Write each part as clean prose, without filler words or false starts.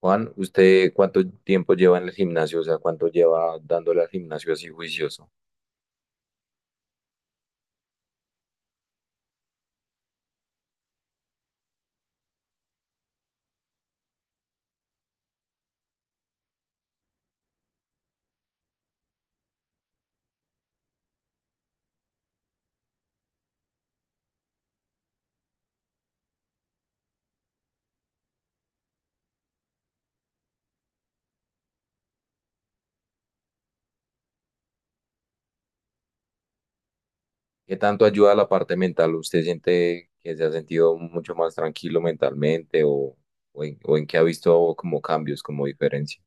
Juan, ¿usted cuánto tiempo lleva en el gimnasio? O sea, ¿cuánto lleva dándole al gimnasio así juicioso? ¿Qué tanto ayuda la parte mental? ¿Usted siente que se ha sentido mucho más tranquilo mentalmente o en qué ha visto como cambios, como diferencia?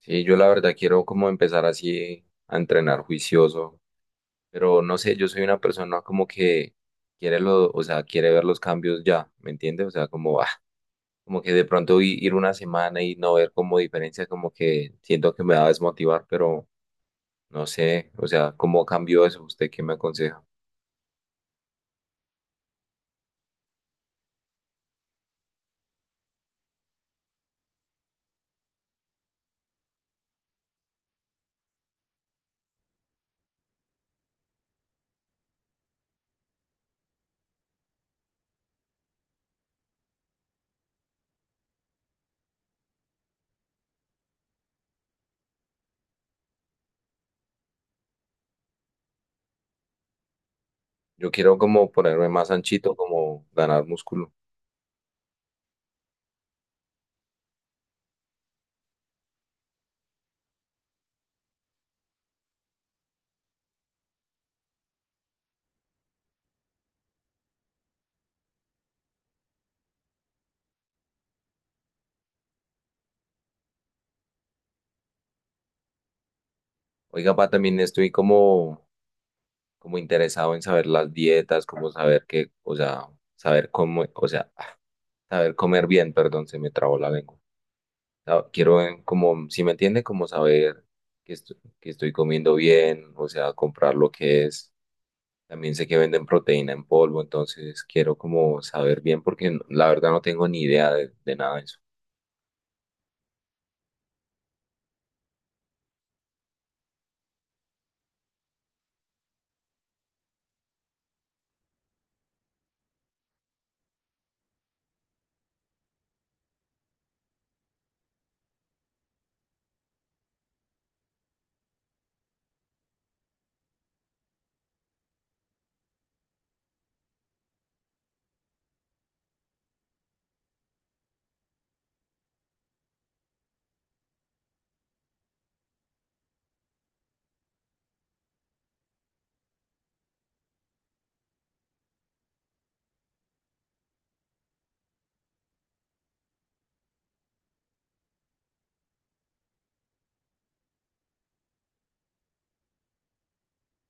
Sí, yo la verdad quiero como empezar así a entrenar juicioso, pero no sé, yo soy una persona como que quiere lo, o sea, quiere ver los cambios ya, ¿me entiende? O sea, como, como que de pronto ir una semana y no ver como diferencia, como que siento que me va a desmotivar, pero no sé, o sea, ¿cómo cambió eso? ¿Usted qué me aconseja? Yo quiero como ponerme más anchito, como ganar músculo. Oiga, pa, también estoy como, como interesado en saber las dietas, como saber qué, o sea, saber cómo, o sea, saber comer bien, perdón, se me trabó la lengua. Quiero como, si me entiende, como saber que, que estoy comiendo bien, o sea, comprar lo que es. También sé que venden proteína en polvo, entonces quiero como saber bien porque la verdad no tengo ni idea de nada de eso.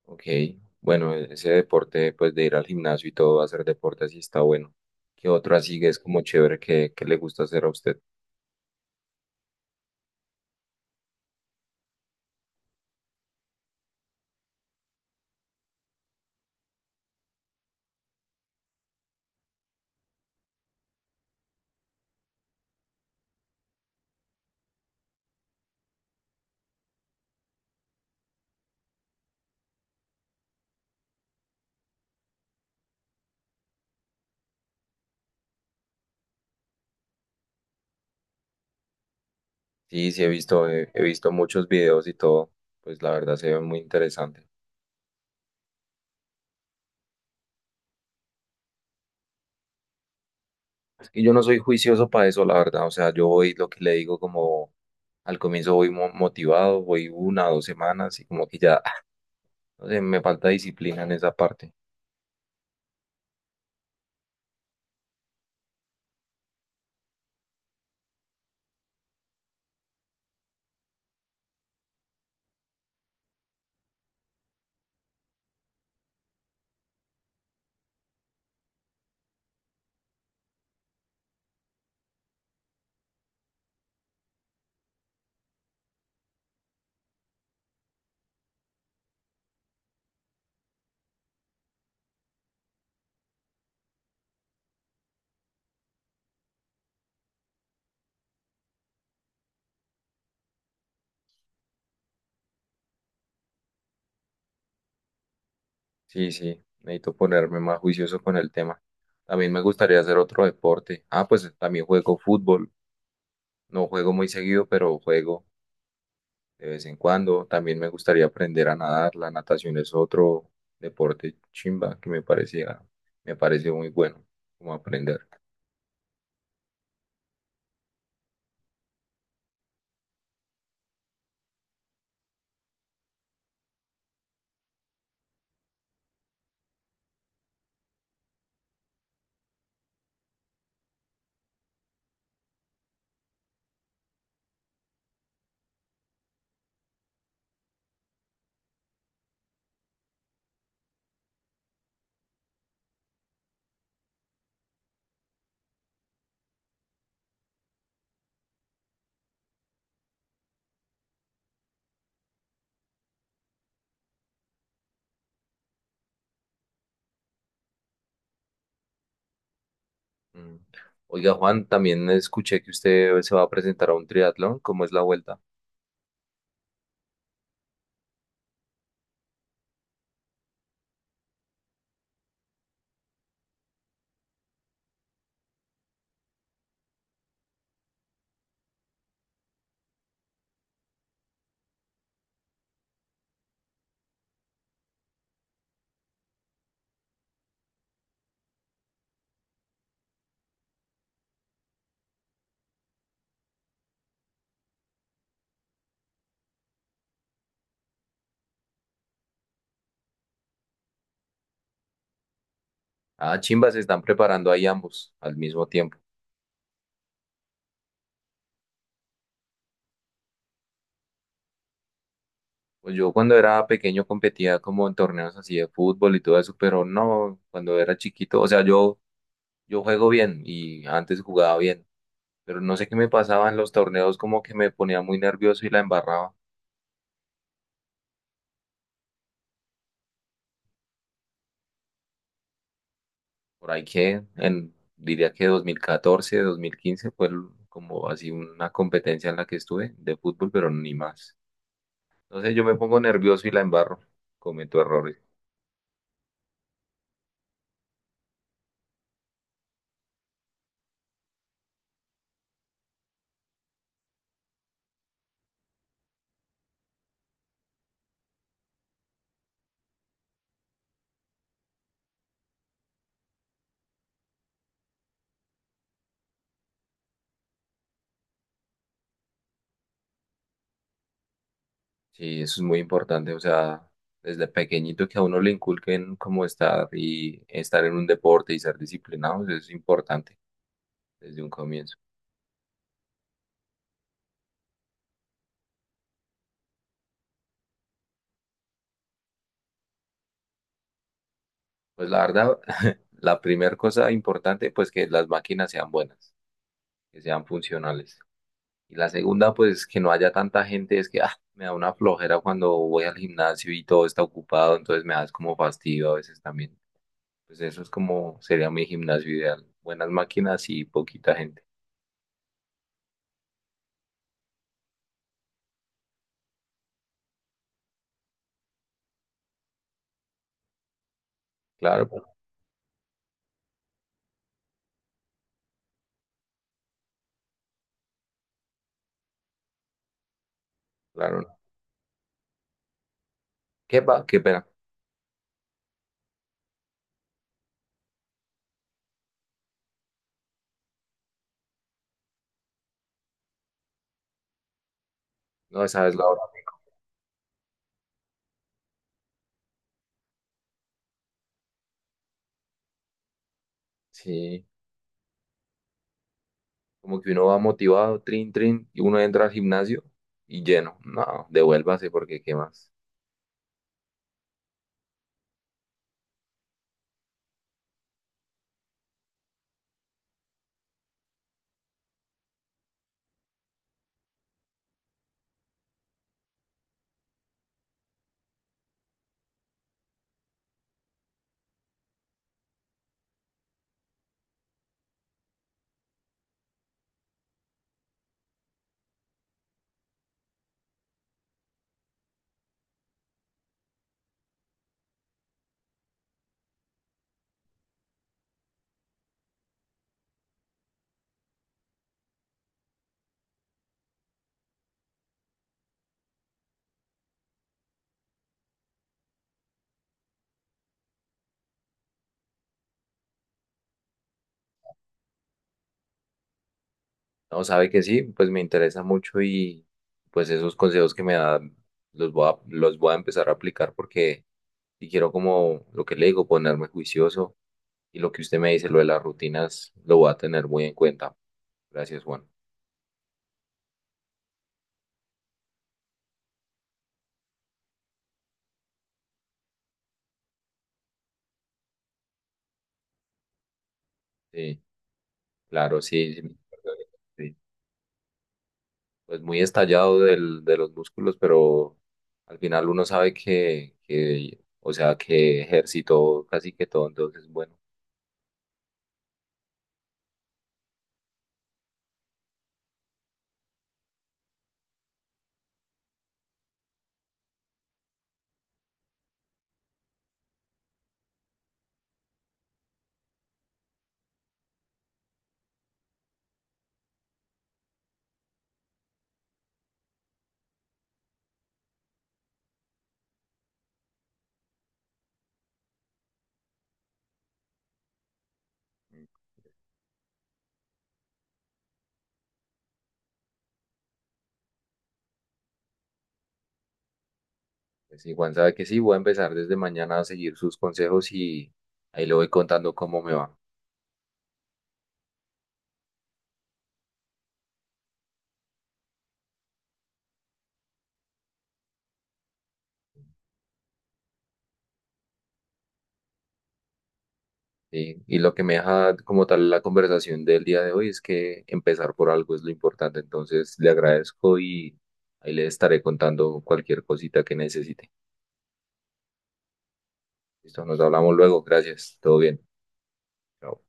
Ok, bueno, ese deporte pues de ir al gimnasio y todo, hacer deporte así está bueno. ¿Qué otro así que es como chévere que le gusta hacer a usted? Sí, sí, he visto muchos videos y todo, pues la verdad se ve muy interesante. Es que yo no soy juicioso para eso, la verdad, o sea, yo voy lo que le digo como al comienzo voy motivado, voy una o dos semanas y como que ya, no sé, me falta disciplina en esa parte. Sí, sí, necesito ponerme más juicioso con el tema. También me gustaría hacer otro deporte. Ah, pues también juego fútbol. No juego muy seguido, pero juego de vez en cuando. También me gustaría aprender a nadar. La natación es otro deporte chimba que me parecía, me parece muy bueno como aprender. Mm. Oiga, Juan, también escuché que usted se va a presentar a un triatlón. ¿Cómo es la vuelta? Ah, chimba, se están preparando ahí ambos al mismo tiempo. Pues yo cuando era pequeño competía como en torneos así de fútbol y todo eso, pero no, cuando era chiquito, o sea, yo juego bien y antes jugaba bien, pero no sé qué me pasaba en los torneos, como que me ponía muy nervioso y la embarraba. Por ahí que, en, diría que 2014, 2015 fue como así una competencia en la que estuve de fútbol, pero ni más. Entonces yo me pongo nervioso y la embarro, cometo errores. Sí, eso es muy importante, o sea, desde pequeñito que a uno le inculquen cómo estar y estar en un deporte y ser disciplinados es importante desde un comienzo. Pues la verdad, la primera cosa importante, pues que las máquinas sean buenas, que sean funcionales. Y la segunda, pues que no haya tanta gente, es que ah, me da una flojera cuando voy al gimnasio y todo está ocupado, entonces me da es como fastidio a veces también. Pues eso es como sería mi gimnasio ideal, buenas máquinas y poquita gente. Claro, claro. ¿No? ¿Qué va? Qué pena. No, esa es la hora. Sí, como que uno va motivado, trin, trin, y uno entra al gimnasio y lleno. No, devuélvase porque qué más. No, sabe que sí, pues me interesa mucho y pues esos consejos que me da los voy a empezar a aplicar porque si quiero como lo que le digo, ponerme juicioso y lo que usted me dice, lo de las rutinas, lo voy a tener muy en cuenta. Gracias, Juan. Sí, claro, sí. Sí. Sí. Pues muy estallado de los músculos, pero al final uno sabe que, o sea, que ejercitó casi que todo, entonces, bueno, pues sí, Juan, sabe que sí, voy a empezar desde mañana a seguir sus consejos y ahí le voy contando cómo me va. ¿Sí? Y lo que me deja como tal la conversación del día de hoy es que empezar por algo es lo importante, entonces le agradezco y ahí le estaré contando cualquier cosita que necesite. Listo, nos hablamos luego, gracias, todo bien. Chao.